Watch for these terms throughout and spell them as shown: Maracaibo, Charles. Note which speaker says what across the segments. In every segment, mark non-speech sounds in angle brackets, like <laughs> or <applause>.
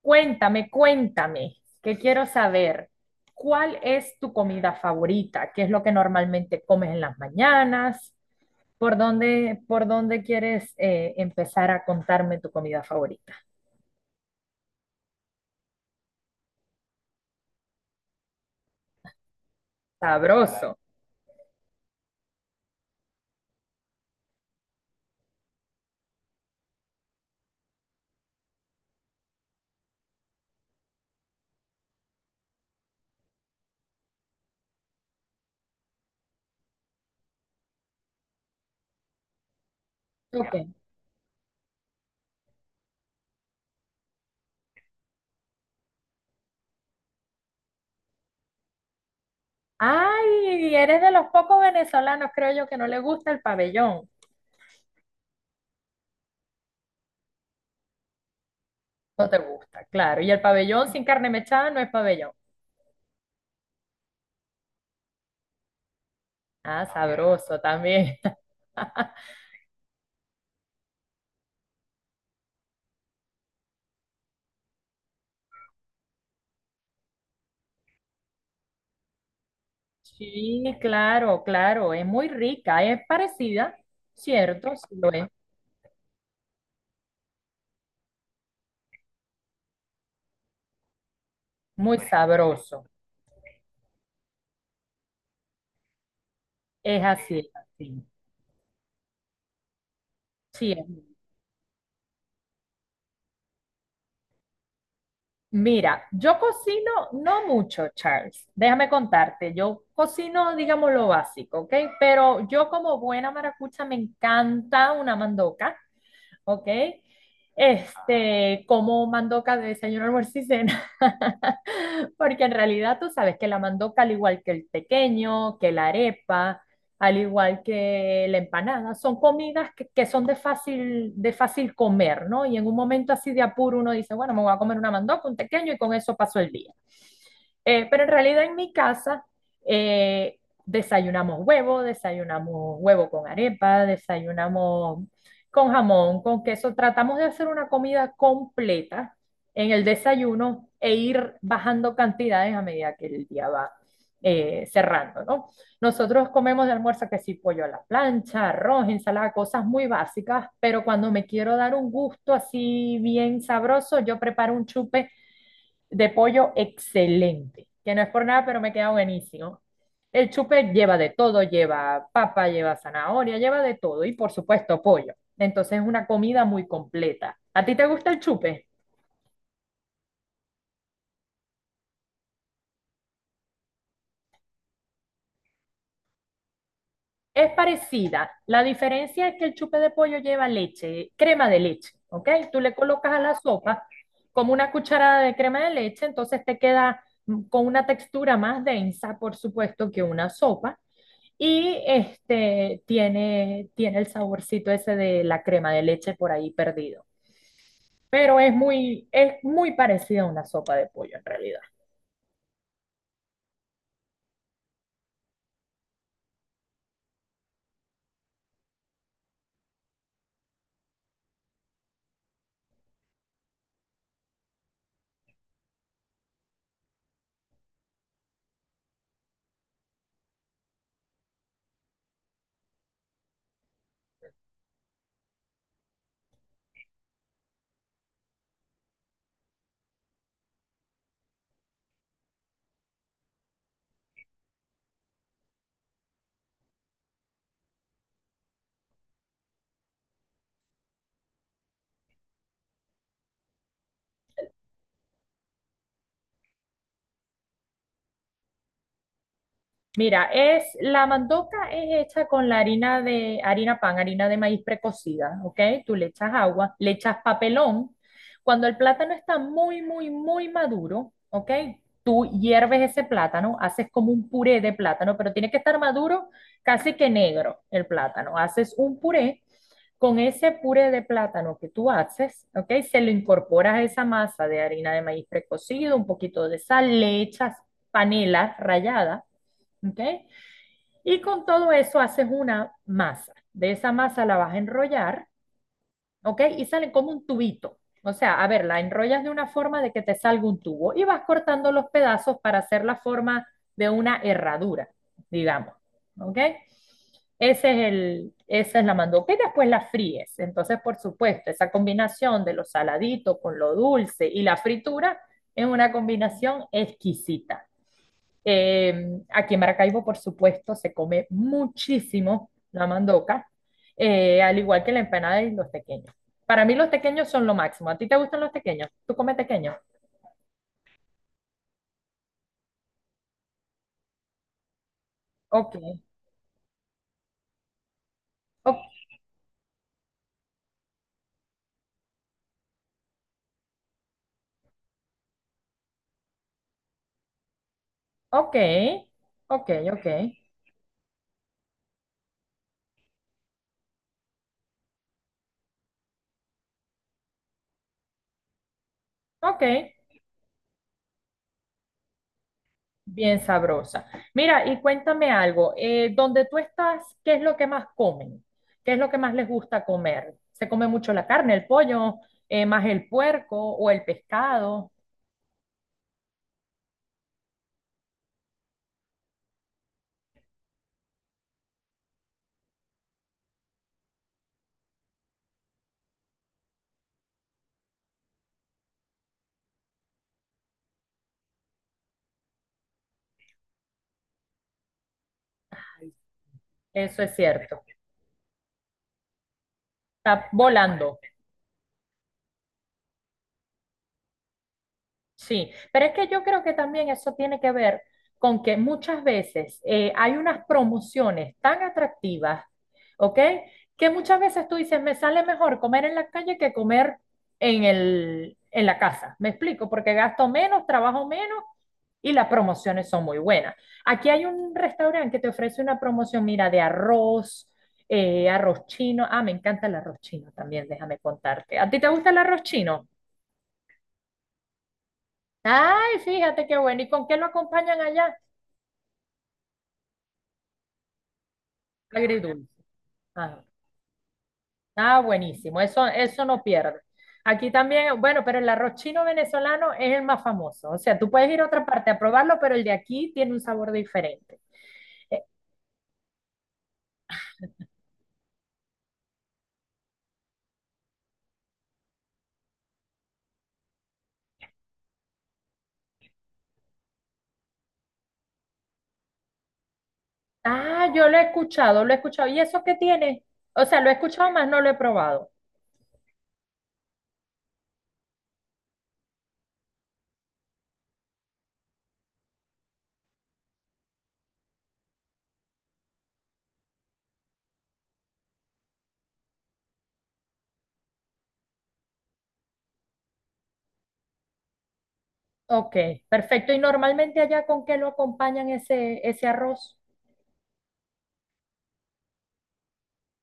Speaker 1: Cuéntame, cuéntame, que quiero saber, ¿cuál es tu comida favorita? ¿Qué es lo que normalmente comes en las mañanas? Por dónde quieres empezar a contarme tu comida favorita? Para, sabroso. Ok. Ay, eres de los pocos venezolanos, creo yo, que no le gusta el pabellón. No te gusta, claro. Y el pabellón sin carne mechada no es pabellón. Ah, sabroso también. Sí, claro, claro, es muy rica, es parecida, ¿cierto? Sí lo es, muy sabroso, es así, es así. Sí, mira, yo cocino no mucho, Charles, déjame contarte, yo cocino, digamos, lo básico, ¿ok? Pero yo como buena maracucha me encanta una mandoca, ¿ok? Este, como mandoca de desayuno, almuerzo y cena, <laughs> porque en realidad tú sabes que la mandoca, al igual que el pequeño, que la arepa, al igual que la empanada, son comidas que son de fácil comer, ¿no? Y en un momento así de apuro uno dice, bueno, me voy a comer una mandoca, un pequeño y con eso paso el día. Pero en realidad en mi casa eh, desayunamos huevo con arepa, desayunamos con jamón, con queso. Tratamos de hacer una comida completa en el desayuno e ir bajando cantidades a medida que el día va cerrando, ¿no? Nosotros comemos de almuerzo que sí, pollo a la plancha, arroz, ensalada, cosas muy básicas, pero cuando me quiero dar un gusto así bien sabroso, yo preparo un chupe de pollo excelente, que no es por nada, pero me queda buenísimo. El chupe lleva de todo, lleva papa, lleva zanahoria, lleva de todo y por supuesto pollo. Entonces es una comida muy completa. ¿A ti te gusta el chupe? Es parecida. La diferencia es que el chupe de pollo lleva leche, crema de leche, ¿ok? Tú le colocas a la sopa como una cucharada de crema de leche, entonces te queda con una textura más densa, por supuesto, que una sopa. Y este tiene, tiene el saborcito ese de la crema de leche por ahí perdido. Pero es muy parecida a una sopa de pollo en realidad. Mira, es la mandoca es hecha con la harina de harina pan, harina de maíz precocida, ¿ok? Tú le echas agua, le echas papelón. Cuando el plátano está muy, muy, muy maduro, ¿ok? Tú hierves ese plátano, haces como un puré de plátano, pero tiene que estar maduro, casi que negro el plátano. Haces un puré. Con ese puré de plátano que tú haces, ¿ok? Se lo incorporas a esa masa de harina de maíz precocido, un poquito de sal, le echas panela rallada, ¿ok? Y con todo eso haces una masa. De esa masa la vas a enrollar, ¿ok? Y salen como un tubito. O sea, a ver, la enrollas de una forma de que te salga un tubo y vas cortando los pedazos para hacer la forma de una herradura, digamos, ¿ok? Ese es el, esa es la mandoca y después la fríes. Entonces, por supuesto, esa combinación de lo saladito con lo dulce y la fritura es una combinación exquisita. Aquí en Maracaibo, por supuesto, se come muchísimo la mandoca, al igual que la empanada y los tequeños. Para mí los tequeños son lo máximo. ¿A ti te gustan los tequeños? ¿Tú comes tequeños? Ok, o- ok, ok, ok, ok. Bien sabrosa. Mira, y cuéntame algo. ¿Dónde tú estás, qué es lo que más comen? ¿Qué es lo que más les gusta comer? ¿Se come mucho la carne, el pollo, más el puerco o el pescado? Eso es cierto. Está volando, sí. Pero es que yo creo que también eso tiene que ver con que muchas veces hay unas promociones tan atractivas, ¿ok? Que muchas veces tú dices, me sale mejor comer en la calle que comer en el, en la casa. ¿Me explico? Porque gasto menos, trabajo menos y las promociones son muy buenas. Aquí hay un restaurante que te ofrece una promoción, mira, de arroz, arroz chino. Ah, me encanta el arroz chino también, déjame contarte. ¿A ti te gusta el arroz chino? Ay, fíjate qué bueno. ¿Y con qué lo acompañan allá? Agridulce. Ah, ah, buenísimo. Eso no pierde. Aquí también, bueno, pero el arroz chino venezolano es el más famoso. O sea, tú puedes ir a otra parte a probarlo, pero el de aquí tiene un sabor diferente. Eh, ah, yo lo he escuchado, lo he escuchado. ¿Y eso qué tiene? O sea, lo he escuchado más, no lo he probado. Ok, perfecto. ¿Y normalmente allá con qué lo acompañan ese, ese arroz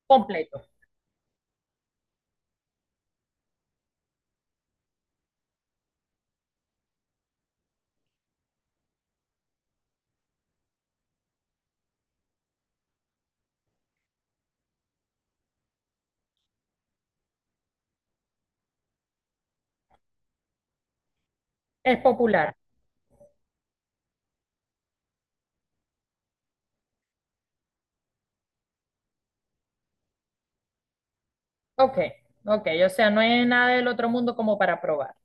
Speaker 1: completo? Es popular. Ok, ok. O sea, no es nada del otro mundo como para probar.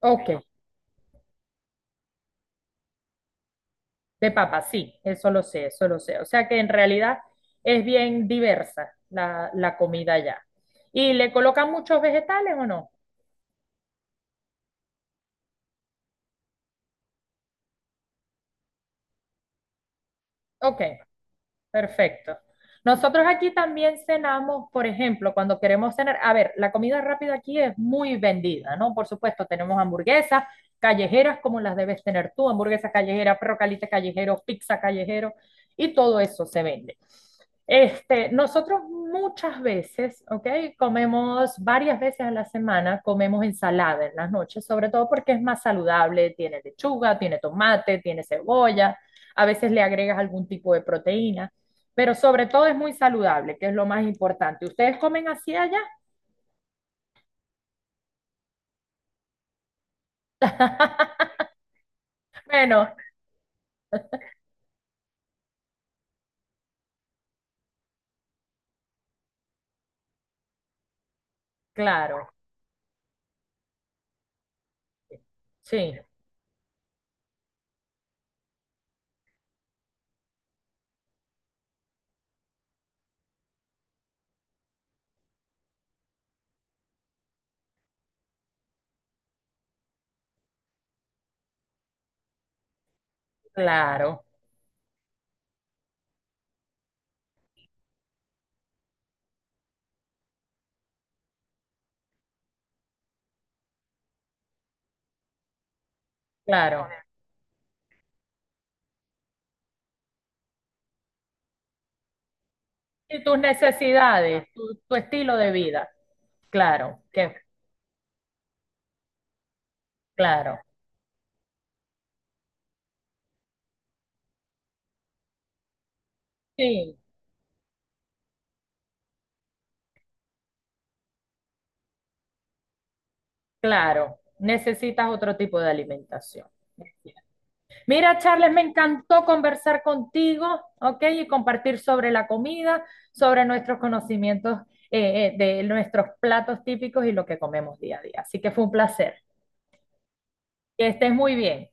Speaker 1: Ok, de papa, sí, eso lo sé, eso lo sé. O sea que en realidad es bien diversa la, la comida allá. ¿Y le colocan muchos vegetales o no? Ok, perfecto. Nosotros aquí también cenamos, por ejemplo, cuando queremos cenar, a ver, la comida rápida aquí es muy vendida, ¿no? Por supuesto, tenemos hamburguesas callejeras como las debes tener tú, hamburguesas callejeras, perro caliente callejero, pizza callejero y todo eso se vende. Este, nosotros muchas veces, ¿ok? Comemos varias veces a la semana, comemos ensalada en las noches, sobre todo porque es más saludable, tiene lechuga, tiene tomate, tiene cebolla, a veces le agregas algún tipo de proteína pero sobre todo es muy saludable, que es lo más importante. ¿Ustedes comen así allá? <laughs> Bueno, claro, sí, claro, claro. Y tus necesidades, tu estilo de vida, claro, que, claro, sí, claro. Necesitas otro tipo de alimentación. Mira, Charles, me encantó conversar contigo, ¿ok? Y compartir sobre la comida, sobre nuestros conocimientos de nuestros platos típicos y lo que comemos día a día. Así que fue un placer. Que estés muy bien.